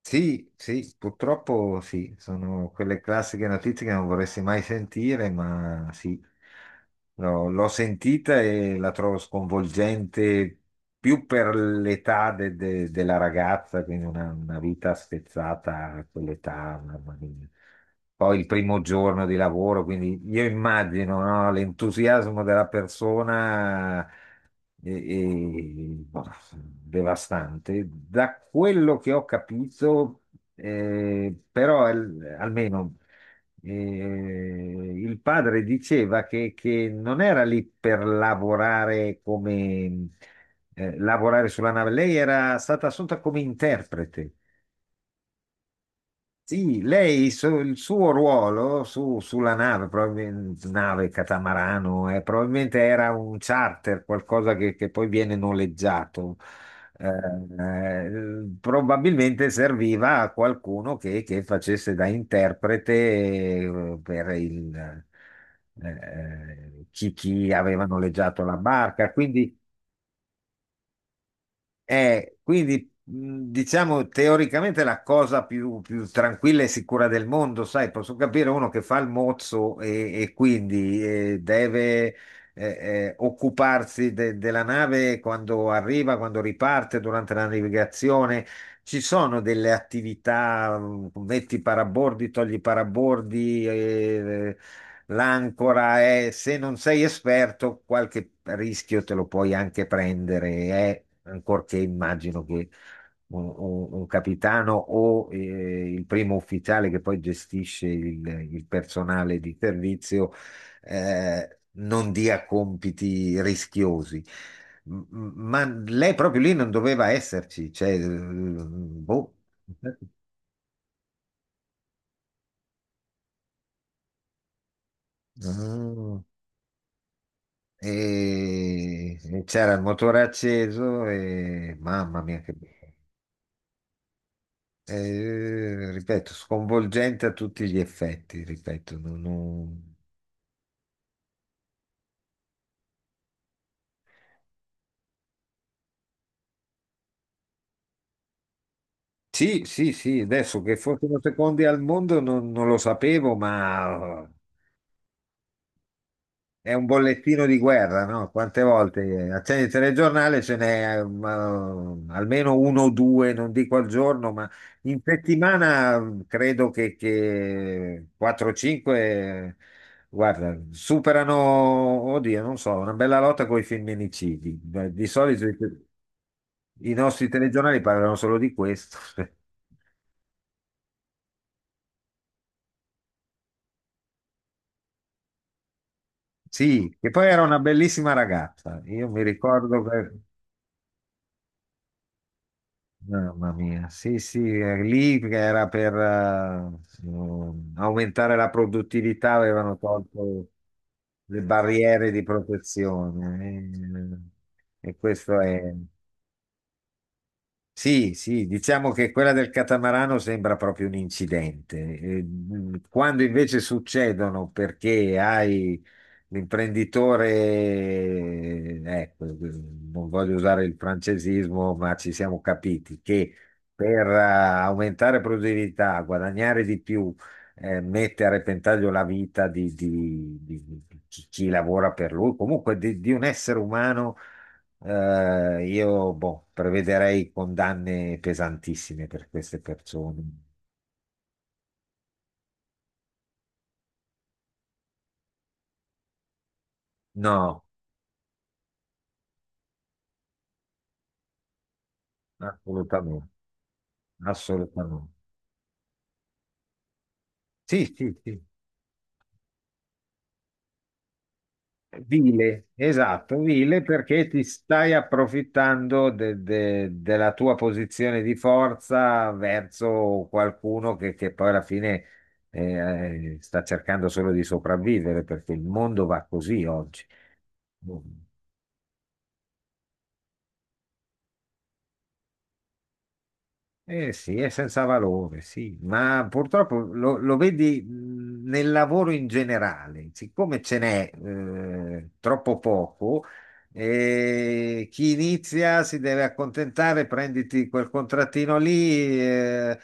Sì, sì, purtroppo sì, sono quelle classiche notizie che non vorresti mai sentire, ma sì, no, l'ho sentita e la trovo sconvolgente più per l'età della ragazza, quindi una vita spezzata a quell'età, mamma mia. Poi il primo giorno di lavoro, quindi io immagino, no, l'entusiasmo della persona boh, devastante. Da quello che ho capito, però almeno il padre diceva che non era lì per lavorare come lavorare sulla nave, lei era stata assunta come interprete. Sì, lei, il suo ruolo sulla nave, probabilmente nave catamarano, probabilmente era un charter, qualcosa che poi viene noleggiato. Probabilmente serviva a qualcuno che facesse da interprete per il, chi aveva noleggiato la barca. Quindi. Quindi diciamo teoricamente la cosa più tranquilla e sicura del mondo, sai, posso capire uno che fa il mozzo e quindi deve occuparsi della nave quando arriva, quando riparte, durante la navigazione. Ci sono delle attività, metti i parabordi, togli i parabordi, l'ancora è, se non sei esperto, qualche rischio te lo puoi anche prendere, ancorché immagino che un capitano o il primo ufficiale che poi gestisce il personale di servizio non dia compiti rischiosi. Ma lei proprio lì non doveva esserci, cioè, boh. Ah. E e c'era il motore acceso e mamma mia che bello. Eh, ripeto, sconvolgente a tutti gli effetti, ripeto, sì, sì, sì, adesso che fossero secondi al mondo non lo sapevo, ma è un bollettino di guerra, no? Quante volte accendi il telegiornale, ce n'è almeno uno o due, non dico al giorno, ma in settimana mm, credo che 4-5, guarda, superano, oddio, non so, una bella lotta con i femminicidi. Beh, di solito i nostri telegiornali parlano solo di questo. Sì, che poi era una bellissima ragazza, io mi ricordo che... Mamma mia, sì, sì, lì era per aumentare la produttività, avevano tolto le barriere di protezione e questo è. Sì, sì, diciamo che quella del catamarano sembra proprio un incidente. Quando invece succedono perché hai l'imprenditore, ecco, non voglio usare il francesismo, ma ci siamo capiti che per aumentare produttività, guadagnare di più, mette a repentaglio la vita di chi lavora per lui, comunque di un essere umano io boh, prevederei condanne pesantissime per queste persone. No, assolutamente, assolutamente. Sì, sì, sì. Vile, esatto, vile perché ti stai approfittando della tua posizione di forza verso qualcuno che poi alla fine sta cercando solo di sopravvivere perché il mondo va così oggi. Eh sì, è senza valore, sì, ma purtroppo lo vedi nel lavoro in generale, siccome ce n'è troppo poco, chi inizia si deve accontentare, prenditi quel contrattino lì, eh,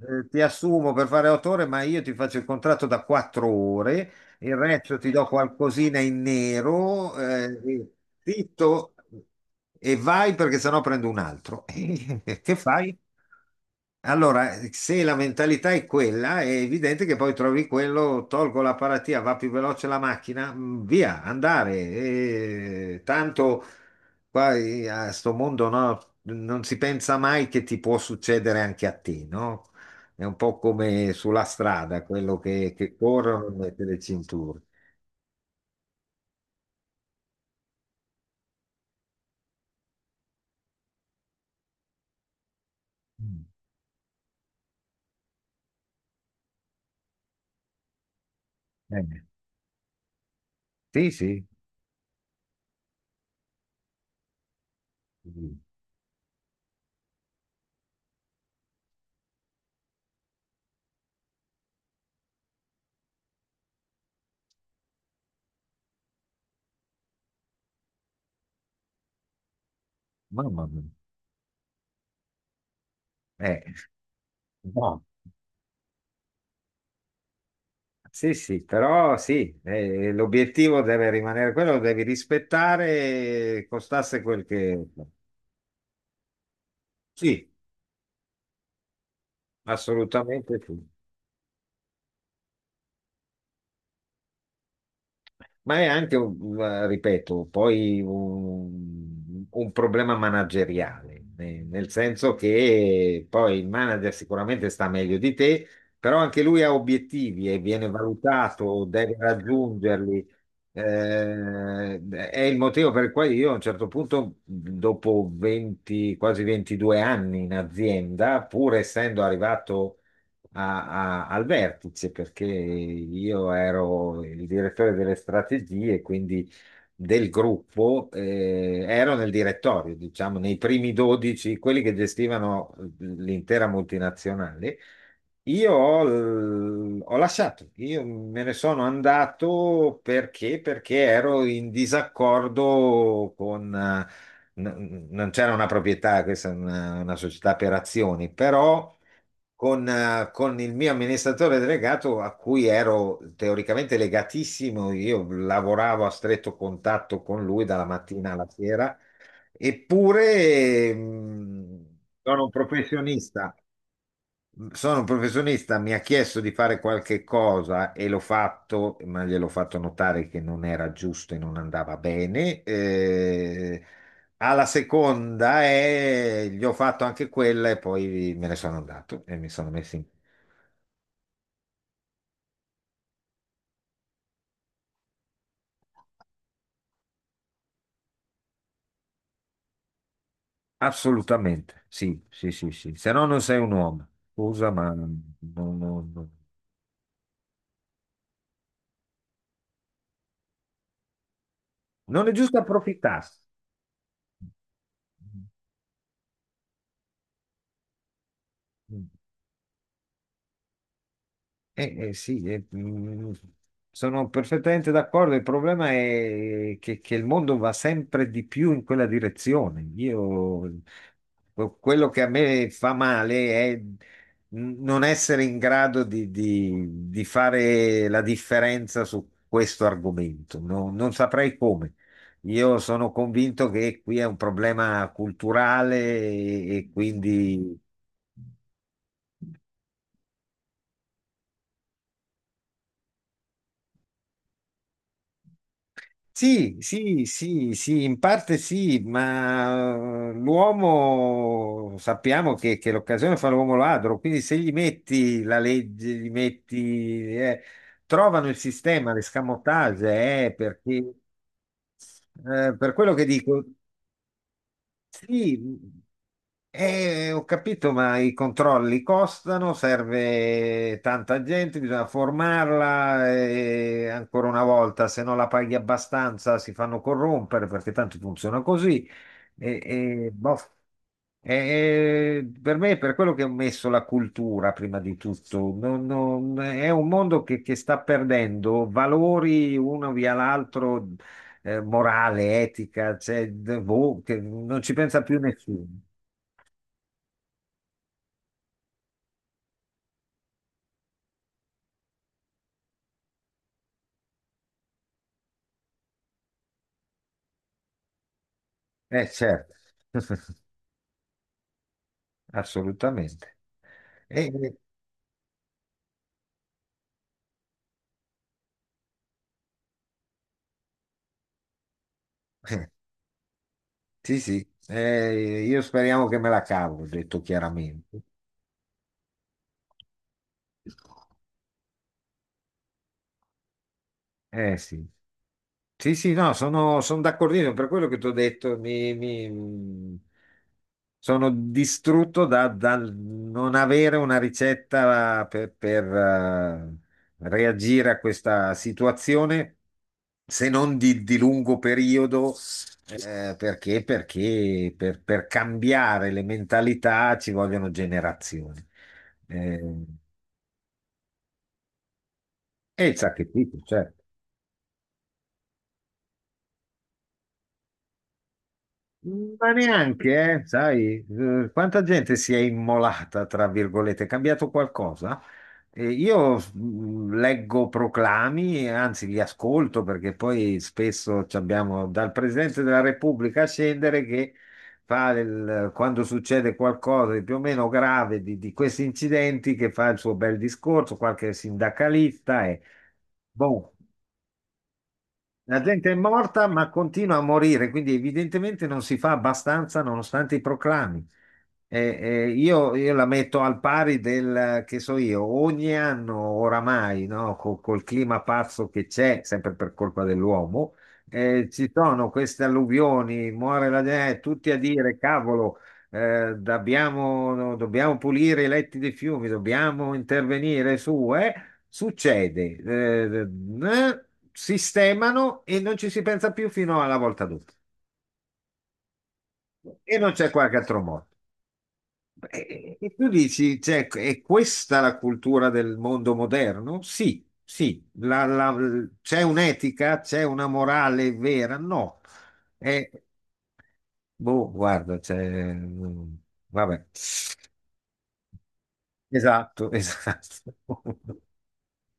eh, ti assumo per fare 8 ore, ma io ti faccio il contratto da 4 ore il resto ti do qualcosina in nero, e zitto e vai perché sennò prendo un altro. E che fai? Allora, se la mentalità è quella, è evidente che poi trovi quello, tolgo la paratia, va più veloce la macchina, mm, via, andare. E tanto qua a sto mondo no, non si pensa mai che ti può succedere anche a te, no? È un po' come sulla strada, quello che corrono e mette le cinture. Mm. Eh, sì, sì, sì. Mamma mia. Eh, no. Sì, sì, però sì, l'obiettivo deve rimanere quello, lo devi rispettare, costasse quel che... Sì, assolutamente sì. Ma è anche, ripeto, poi un problema manageriale, nel senso che poi il manager sicuramente sta meglio di te, però anche lui ha obiettivi e viene valutato, deve raggiungerli. Eh, è il motivo per cui io a un certo punto, dopo 20, quasi 22 anni in azienda, pur essendo arrivato al vertice, perché io ero il direttore delle strategie, quindi del gruppo, ero nel direttorio, diciamo, nei primi 12, quelli che gestivano l'intera multinazionale. Ho lasciato, io me ne sono andato perché ero in disaccordo con... non c'era una proprietà, questa è una società per azioni, però con il mio amministratore delegato a cui ero teoricamente legatissimo, io lavoravo a stretto contatto con lui dalla mattina alla sera, eppure mm, sono un professionista sono un professionista, mi ha chiesto di fare qualche cosa e l'ho fatto, ma gliel'ho fatto notare che non era giusto e non andava bene. Alla seconda e gli ho fatto anche quella e poi me ne sono andato e mi sono messo in... Assolutamente, sì, sì, sì, sì. Se no non sei un uomo. Scusa, ma non- non è giusto approfittarsi. Sì, mm, sono perfettamente d'accordo. Il problema è che il mondo va sempre di più in quella direzione. Io, quello che a me fa male è non essere in grado di fare la differenza su questo argomento. Non saprei come. Io sono convinto che qui è un problema culturale e quindi. Sì, sì, sì, sì, in parte sì, ma l'uomo sappiamo che l'occasione fa l'uomo ladro, quindi se gli metti la legge, gli metti, trovano il sistema, l'escamotage, perché, per quello che dico. Sì, ho capito, ma i controlli costano, serve tanta gente, bisogna formarla e ancora una volta, se non la paghi abbastanza si fanno corrompere perché tanto funziona così. Boh. E- e per me è per quello che ho messo la cultura prima di tutto. È un mondo che sta perdendo valori uno via l'altro morale, etica, cioè, boh, che non ci pensa più nessuno. Certo, assolutamente. E- eh, sì, sì, eh, io speriamo che me la cavo, ho detto chiaramente. Eh sì. Sì, sì, no, sono, sono d'accordissimo, per quello che ti ho detto, sono distrutto dal non avere una ricetta reagire a questa situazione, se non di lungo periodo, per cambiare le mentalità ci vogliono generazioni. Eh, e il sacrificio, certo. Ma neanche, sai, quanta gente si è immolata, tra virgolette, è cambiato qualcosa? Io leggo proclami, anzi li ascolto perché poi spesso ci abbiamo dal Presidente della Repubblica a scendere che fa il- quando succede qualcosa di più o meno grave di questi incidenti che fa il suo bel discorso, qualche sindacalista e boh. La gente è morta, ma continua a morire, quindi evidentemente non si fa abbastanza nonostante i proclami. Eh, io la metto al pari del, che so io, ogni anno oramai, no, col clima pazzo che c'è, sempre per colpa dell'uomo, ci sono queste alluvioni, muore la gente, tutti a dire, cavolo, dobbiamo, no, dobbiamo pulire i letti dei fiumi, dobbiamo intervenire su, eh? Succede, sistemano e non ci si pensa più fino alla volta dopo. E non c'è qualche altro modo. Tu dici, cioè, è questa la cultura del mondo moderno? Sì, sì. C'è un'etica, c'è una morale vera? No. Eh, boh, guarda, c'è... Vabbè. Esatto, esatto.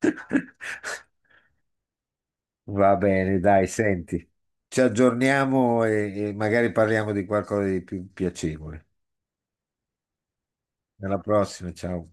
Va bene, dai, senti, ci aggiorniamo e magari parliamo di qualcosa di più piacevole. Alla prossima, ciao.